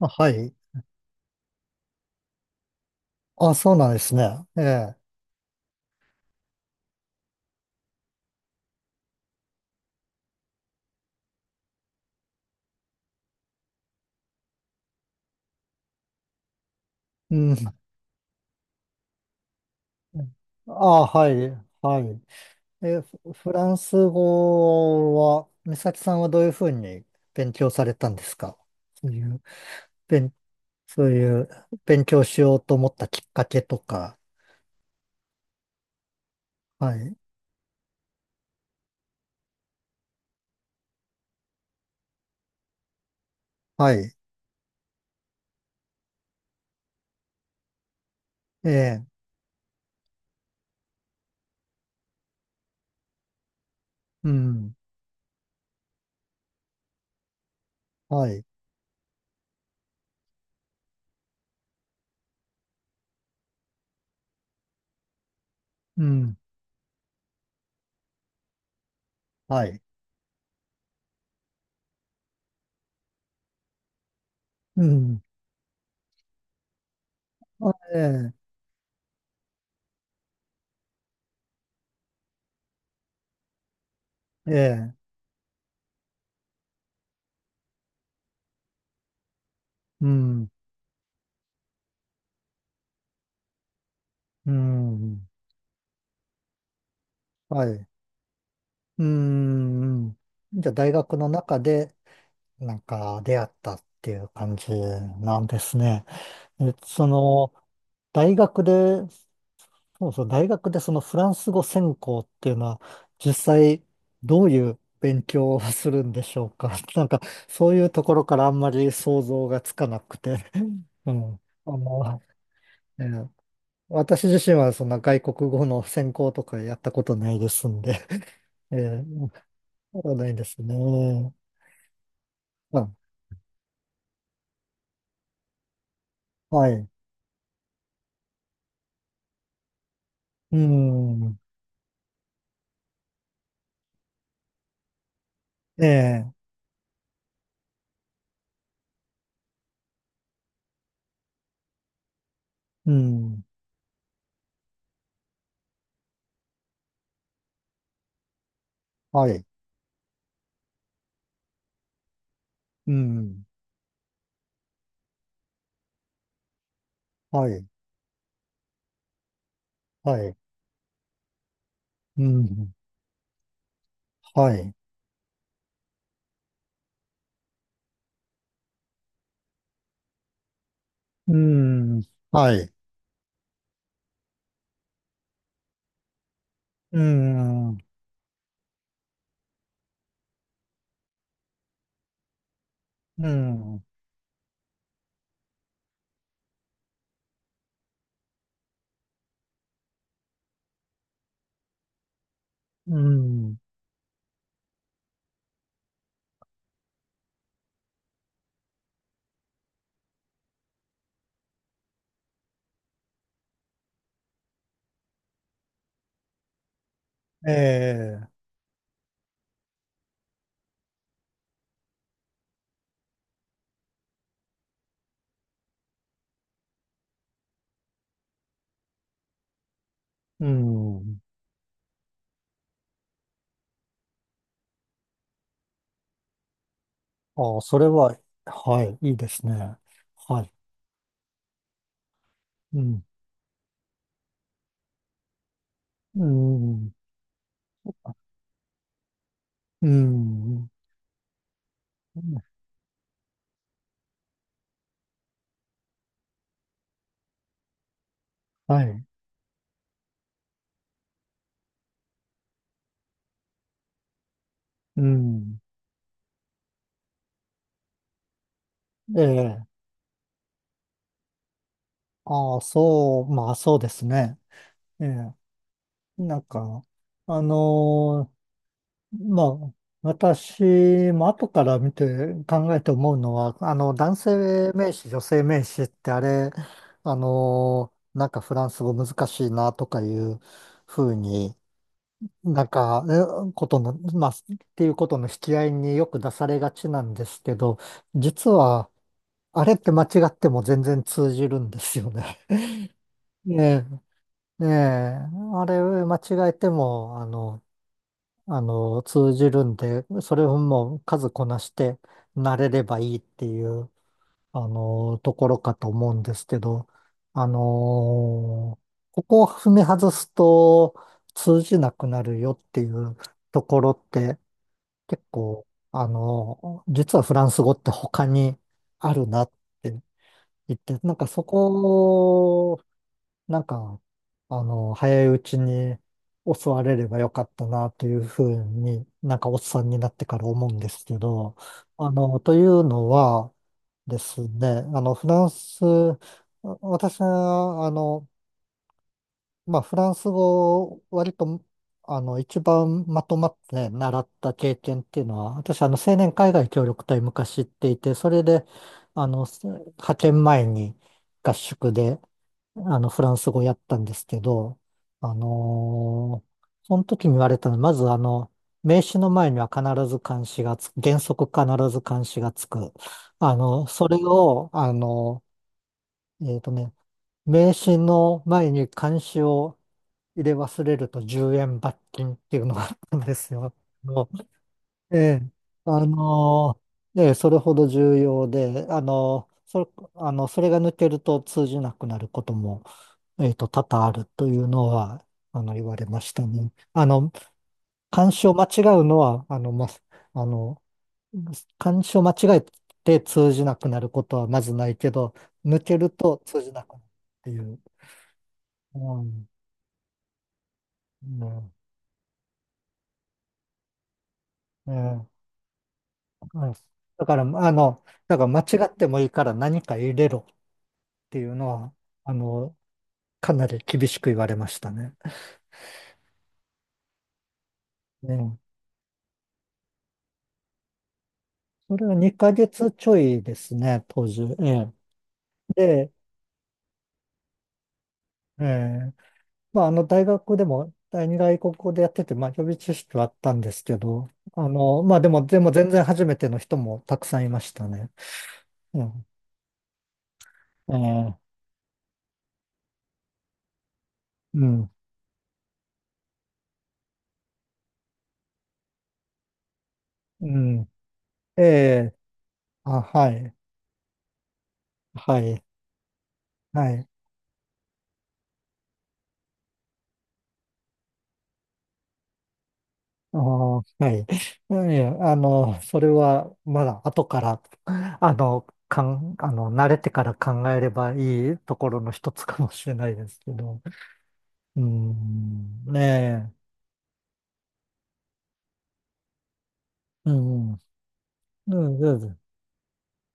あ、はい。あ、そうなんですね。ええ。うん。あ、はい。はい。フランス語は、美咲さんはどういうふうに勉強されたんですか。そういう、勉、そういう勉強しようと思ったきっかけとか。はい。はい。ええ。うん。はい。うん。はい。うん。あ、ええ。ええ。うん。うん。はい。うん。じゃあ、大学の中でなんか出会ったっていう感じなんですね。え、その、大学で、そうそう、大学でそのフランス語専攻っていうのは、実際どういう勉強をするんでしょうか。なんか、そういうところからあんまり想像がつかなくて。うん。ええ私自身はそんな外国語の専攻とかやったことないですんで、ええ、そうないですね。あ、はい。うん。ええ、うん、はい、うん、はい、はい、うん、はい、うん、はい、うん、うん、うん、ええ、うん。ああ、それは、はい、いいですね。はい、うん、うん、うん、はい、うん、ええ、ああ、そう、まあ、そうですね。ええ、なんか、あのーまあ、私も後から見て考えて思うのは、あの、男性名詞、女性名詞ってあれ、あの、なんかフランス語難しいなとかいうふうに、ことの、ていうことの引き合いによく出されがちなんですけど、実は、あれって間違っても全然通じるんですよね。ねえ、ねえ、あれ間違えても、通じるんで、それをもう数こなして慣れればいいっていう、あの、ところかと思うんですけど、あの、ここを踏み外すと通じなくなるよっていうところって結構、あの、実はフランス語って他にあるなって言って、なんかそこなんか、あの、早いうちに襲われればよかったなというふうに、なんかおっさんになってから思うんですけど、あの、というのはですね、あの、フランス、私は、あの、まあ、フランス語を割と、あの、一番まとまって習った経験っていうのは、私、あの、青年海外協力隊昔行っていて、それで、あの、派遣前に合宿で、あの、フランス語やったんですけど、あのーその時に言われたのは、まずあの、名詞の前には必ず冠詞がつく、原則必ず冠詞がつく。あの、それを、えっとね、名詞の前に冠詞を入れ忘れると10円罰金っていうのがあったんですよ。もええ、あのええ、それほど重要で、あのー、そ、あの、それが抜けると通じなくなることも多々あるというのは、あの、言われましたね。あの、漢詩を間違うのは、あの、ま、あの、漢詩を間違えて通じなくなることはまずないけど、抜けると通じなくなるっていう。うん。うん。ええ。うん。だから、あの、だから間違ってもいいから何か入れろっていうのは、あの、かなり厳しく言われましたね。ね、それは2ヶ月ちょいですね、当時。ええ。で、ええまあ、あの、大学でも第二外国語でやってて、まあ、予備知識はあったんですけど、でも全然初めての人もたくさんいましたね。うん。ええ。うん。うん。ええ。あ、はい。はい。はい。ああ、はい。いやあの、それは、まだ後から、あの、慣れてから考えればいいところの一つかもしれないですけど。うん。ねえ。うん。うん。うん。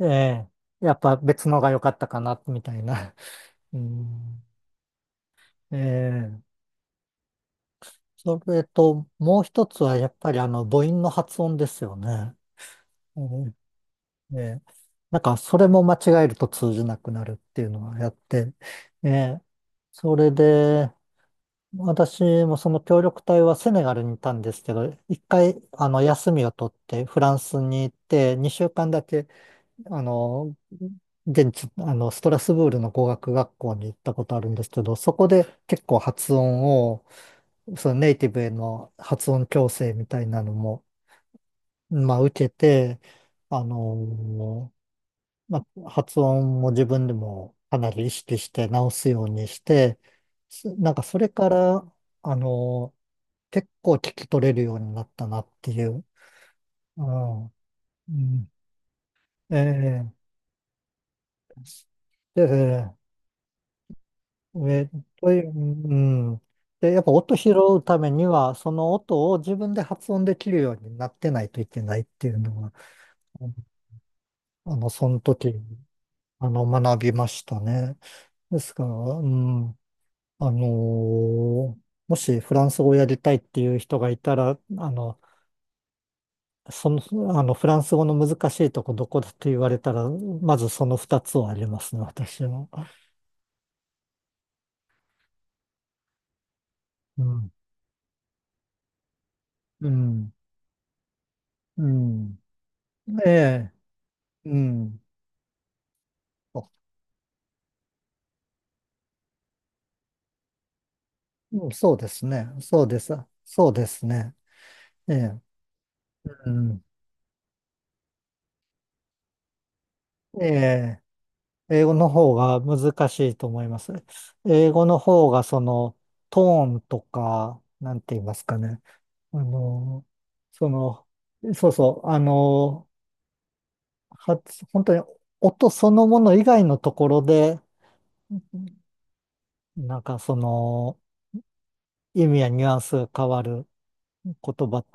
ええ、やっぱ別のが良かったかな、みたいな。うん、ええ、それと、もう一つはやっぱりあの、母音の発音ですよね。ええ、ええ、なんか、それも間違えると通じなくなるっていうのをやって、ええ、それで、私もその協力隊はセネガルにいたんですけど、一回、あの、休みを取ってフランスに行って、2週間だけあの、ストラスブールの語学学校に行ったことあるんですけど、そこで結構発音を、そのネイティブへの発音矯正みたいなのも、まあ、受けて、あの、まあ、発音も自分でもかなり意識して直すようにして、すなんかそれから、あの、結構聞き取れるようになったなっていう。うん。うん。ええ。でえー、という、うん。で、やっぱ音拾うためには、その音を自分で発音できるようになってないといけないっていうのが、あの、その時、あの、学びましたね。ですから、うん、もしフランス語をやりたいっていう人がいたら、あの、フランス語の難しいとこどこだと言われたら、まずその二つはありますね、私は。うん、うん、うん。ええ、うん。うん、そうですね。そうです。そうですね。ええ。うん。ええ。英語の方が難しいと思います。英語の方がそのトーンとか、なんて言いますかね。あの、その、そうそう、あの、本当に音そのもの以外のところで、なんかその意味やニュアンスが変わる言葉、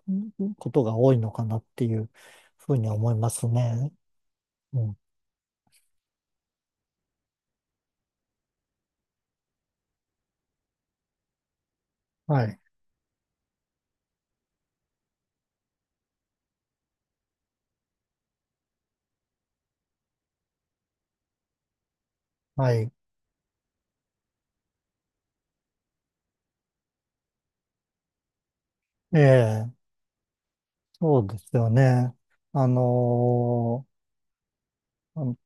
ことが多いのかなっていうふうに思いますね。うん。はい。はい。ええ、そうですよね。あのーあの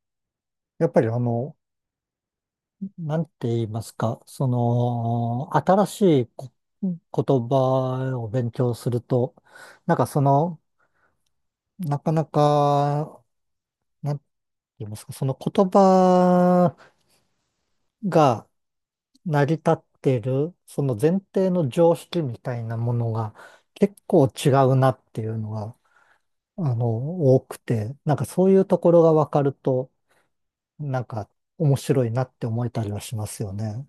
やっぱりあの、なんて言いますか、その、新しいこ言葉を勉強すると、なんかその、なかなか、なんて言いますか、その言葉が成り立っている、その前提の常識みたいなものが結構違うなっていうのが、あの、多くて、なんかそういうところがわかると、なんか面白いなって思えたりはしますよね。